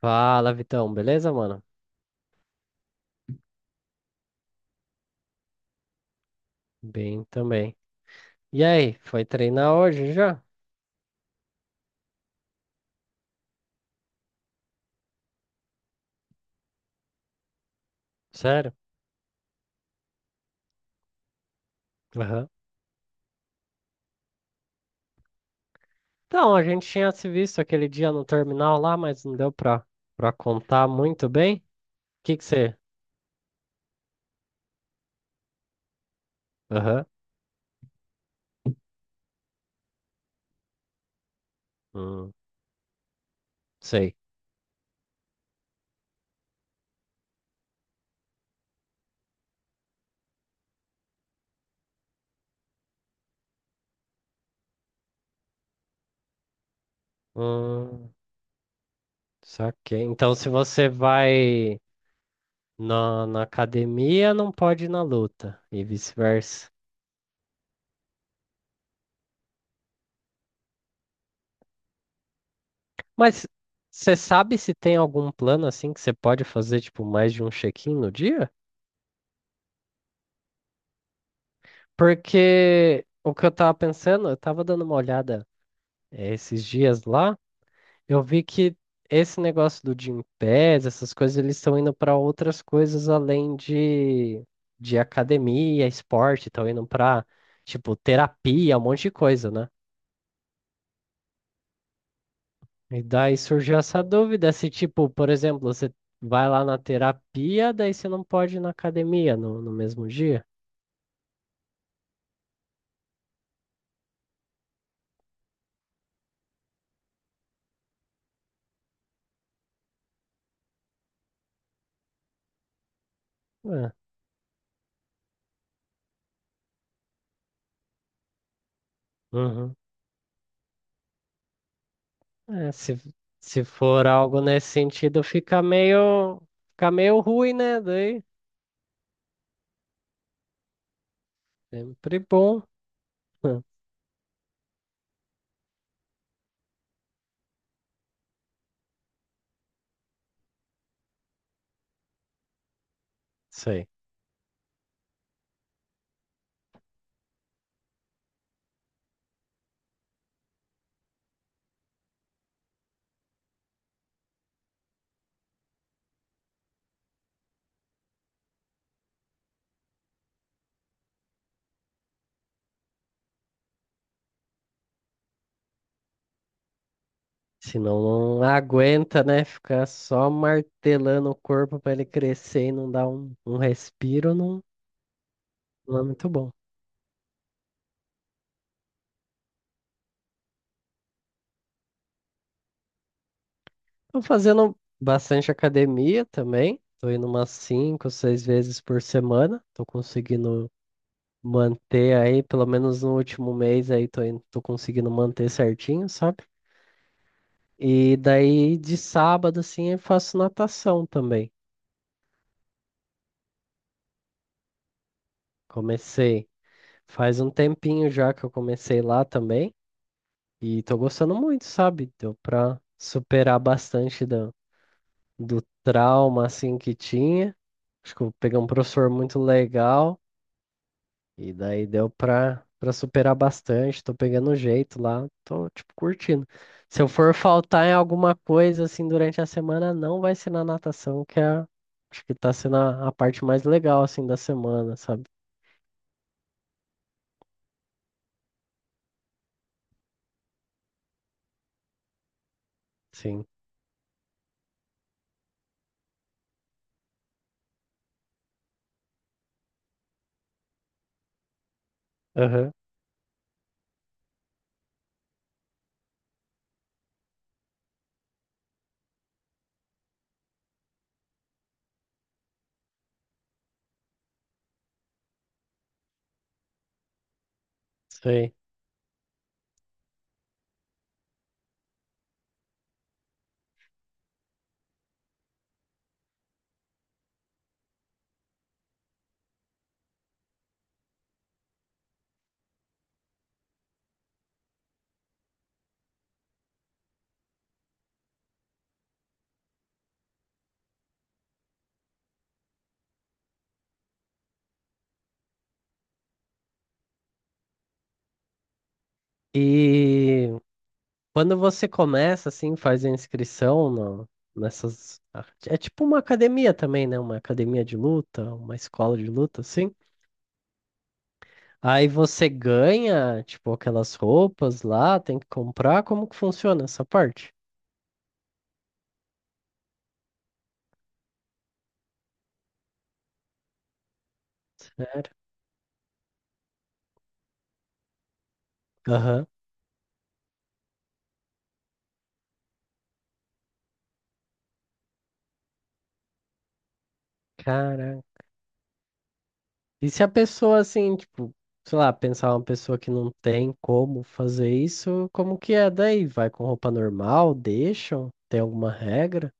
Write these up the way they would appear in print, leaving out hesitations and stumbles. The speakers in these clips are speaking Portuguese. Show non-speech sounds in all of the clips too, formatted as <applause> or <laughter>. Fala, Vitão, beleza, mano? Bem também. E aí, foi treinar hoje já? Sério? Aham. Então, a gente tinha se visto aquele dia no terminal lá, mas não deu pra contar muito bem. O que que você. Aham. Hum, sei. Hum, saquei. Então, se você vai na academia, não pode ir na luta, e vice-versa. Mas você sabe se tem algum plano assim que você pode fazer, tipo, mais de um check-in no dia? Porque o que eu tava pensando, eu tava dando uma olhada esses dias lá, eu vi que esse negócio do Gympass, essas coisas, eles estão indo para outras coisas além de academia, esporte, estão indo para, tipo, terapia, um monte de coisa, né? E daí surgiu essa dúvida se, tipo, por exemplo, você vai lá na terapia, daí você não pode ir na academia no mesmo dia. É. É, se for algo nesse sentido, fica meio ruim, né? Daí, sempre bom. <laughs> Isso aí. Se não aguenta, né? Ficar só martelando o corpo para ele crescer e não dar um respiro, não, não é muito bom. Tô fazendo bastante academia também. Tô indo umas cinco, seis vezes por semana. Tô conseguindo manter aí, pelo menos no último mês aí, tô conseguindo manter certinho, sabe? E daí de sábado, assim, eu faço natação também. Comecei. Faz um tempinho já que eu comecei lá também. E tô gostando muito, sabe? Deu pra superar bastante do trauma, assim, que tinha. Acho que eu peguei um professor muito legal. E daí deu pra superar bastante, tô pegando o jeito lá, tô, tipo, curtindo. Se eu for faltar em alguma coisa, assim, durante a semana, não vai ser na natação, que é, acho que tá sendo a parte mais legal, assim, da semana, sabe? Sim. Aham, sei. E quando você começa, assim, faz a inscrição no, nessas, ah, é tipo uma academia também, né? Uma academia de luta, uma escola de luta, assim. Aí você ganha, tipo, aquelas roupas lá, tem que comprar. Como que funciona essa parte? Sério? Aham. Caraca. E se a pessoa, assim, tipo, sei lá, pensar uma pessoa que não tem como fazer isso, como que é daí? Vai com roupa normal? Deixam? Tem alguma regra?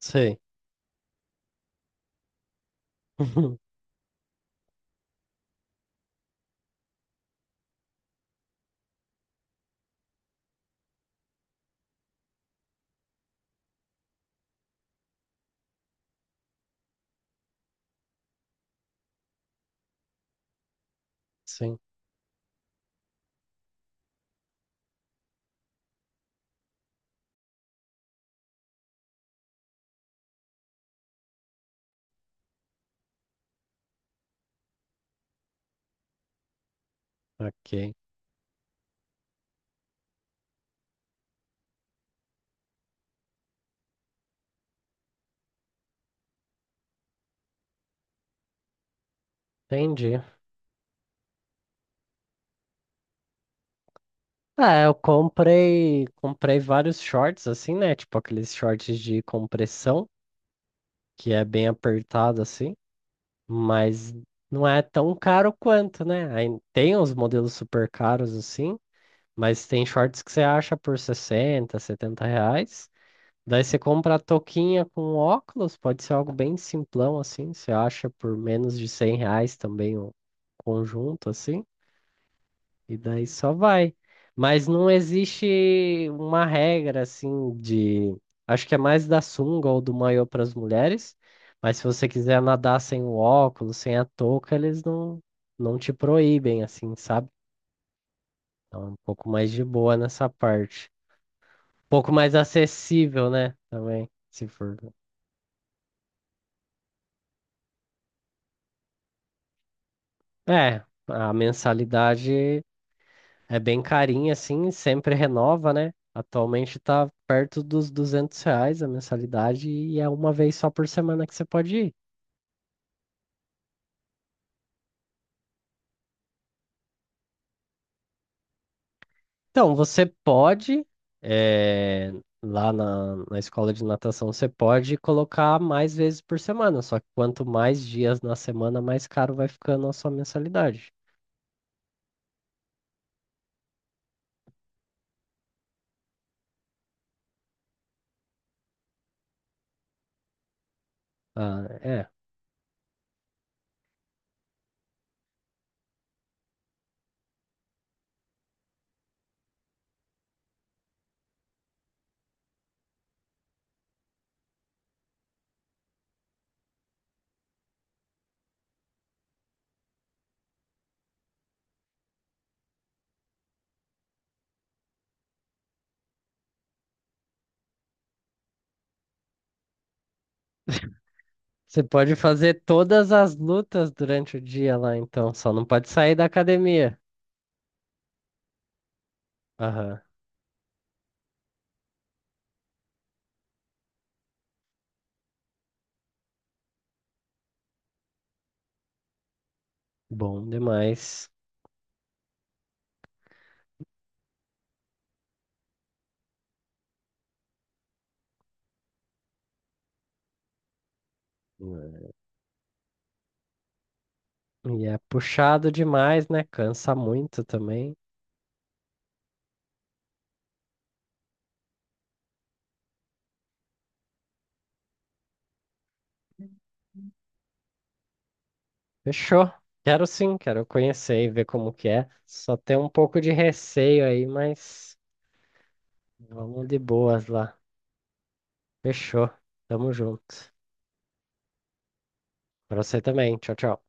Sei. <laughs> Sim. Ok. Entendi. Ah, eu comprei vários shorts assim, né? Tipo aqueles shorts de compressão, que é bem apertado assim. Mas não é tão caro quanto, né? Aí tem uns modelos super caros assim, mas tem shorts que você acha por 60, 70 reais. Daí você compra a touquinha com óculos, pode ser algo bem simplão assim, você acha por menos de R$ 100 também o conjunto assim. E daí só vai. Mas não existe uma regra assim de. Acho que é mais da sunga ou do maiô para as mulheres. Mas se você quiser nadar sem o óculos, sem a touca, eles não te proíbem, assim, sabe? Então é um pouco mais de boa nessa parte. Um pouco mais acessível, né? Também, se for. É, a mensalidade. É bem carinho assim, sempre renova, né? Atualmente tá perto dos R$ 200 a mensalidade e é uma vez só por semana que você pode ir. Então, você pode, eh, lá na escola de natação, você pode colocar mais vezes por semana, só que quanto mais dias na semana, mais caro vai ficando a sua mensalidade. Ah, é. Você pode fazer todas as lutas durante o dia lá, então, só não pode sair da academia. Aham, bom demais. E é puxado demais, né? Cansa muito também. Fechou. Quero sim, quero conhecer e ver como que é. Só tem um pouco de receio aí, mas vamos de boas lá. Fechou. Tamo junto. Pra você também. Tchau, tchau.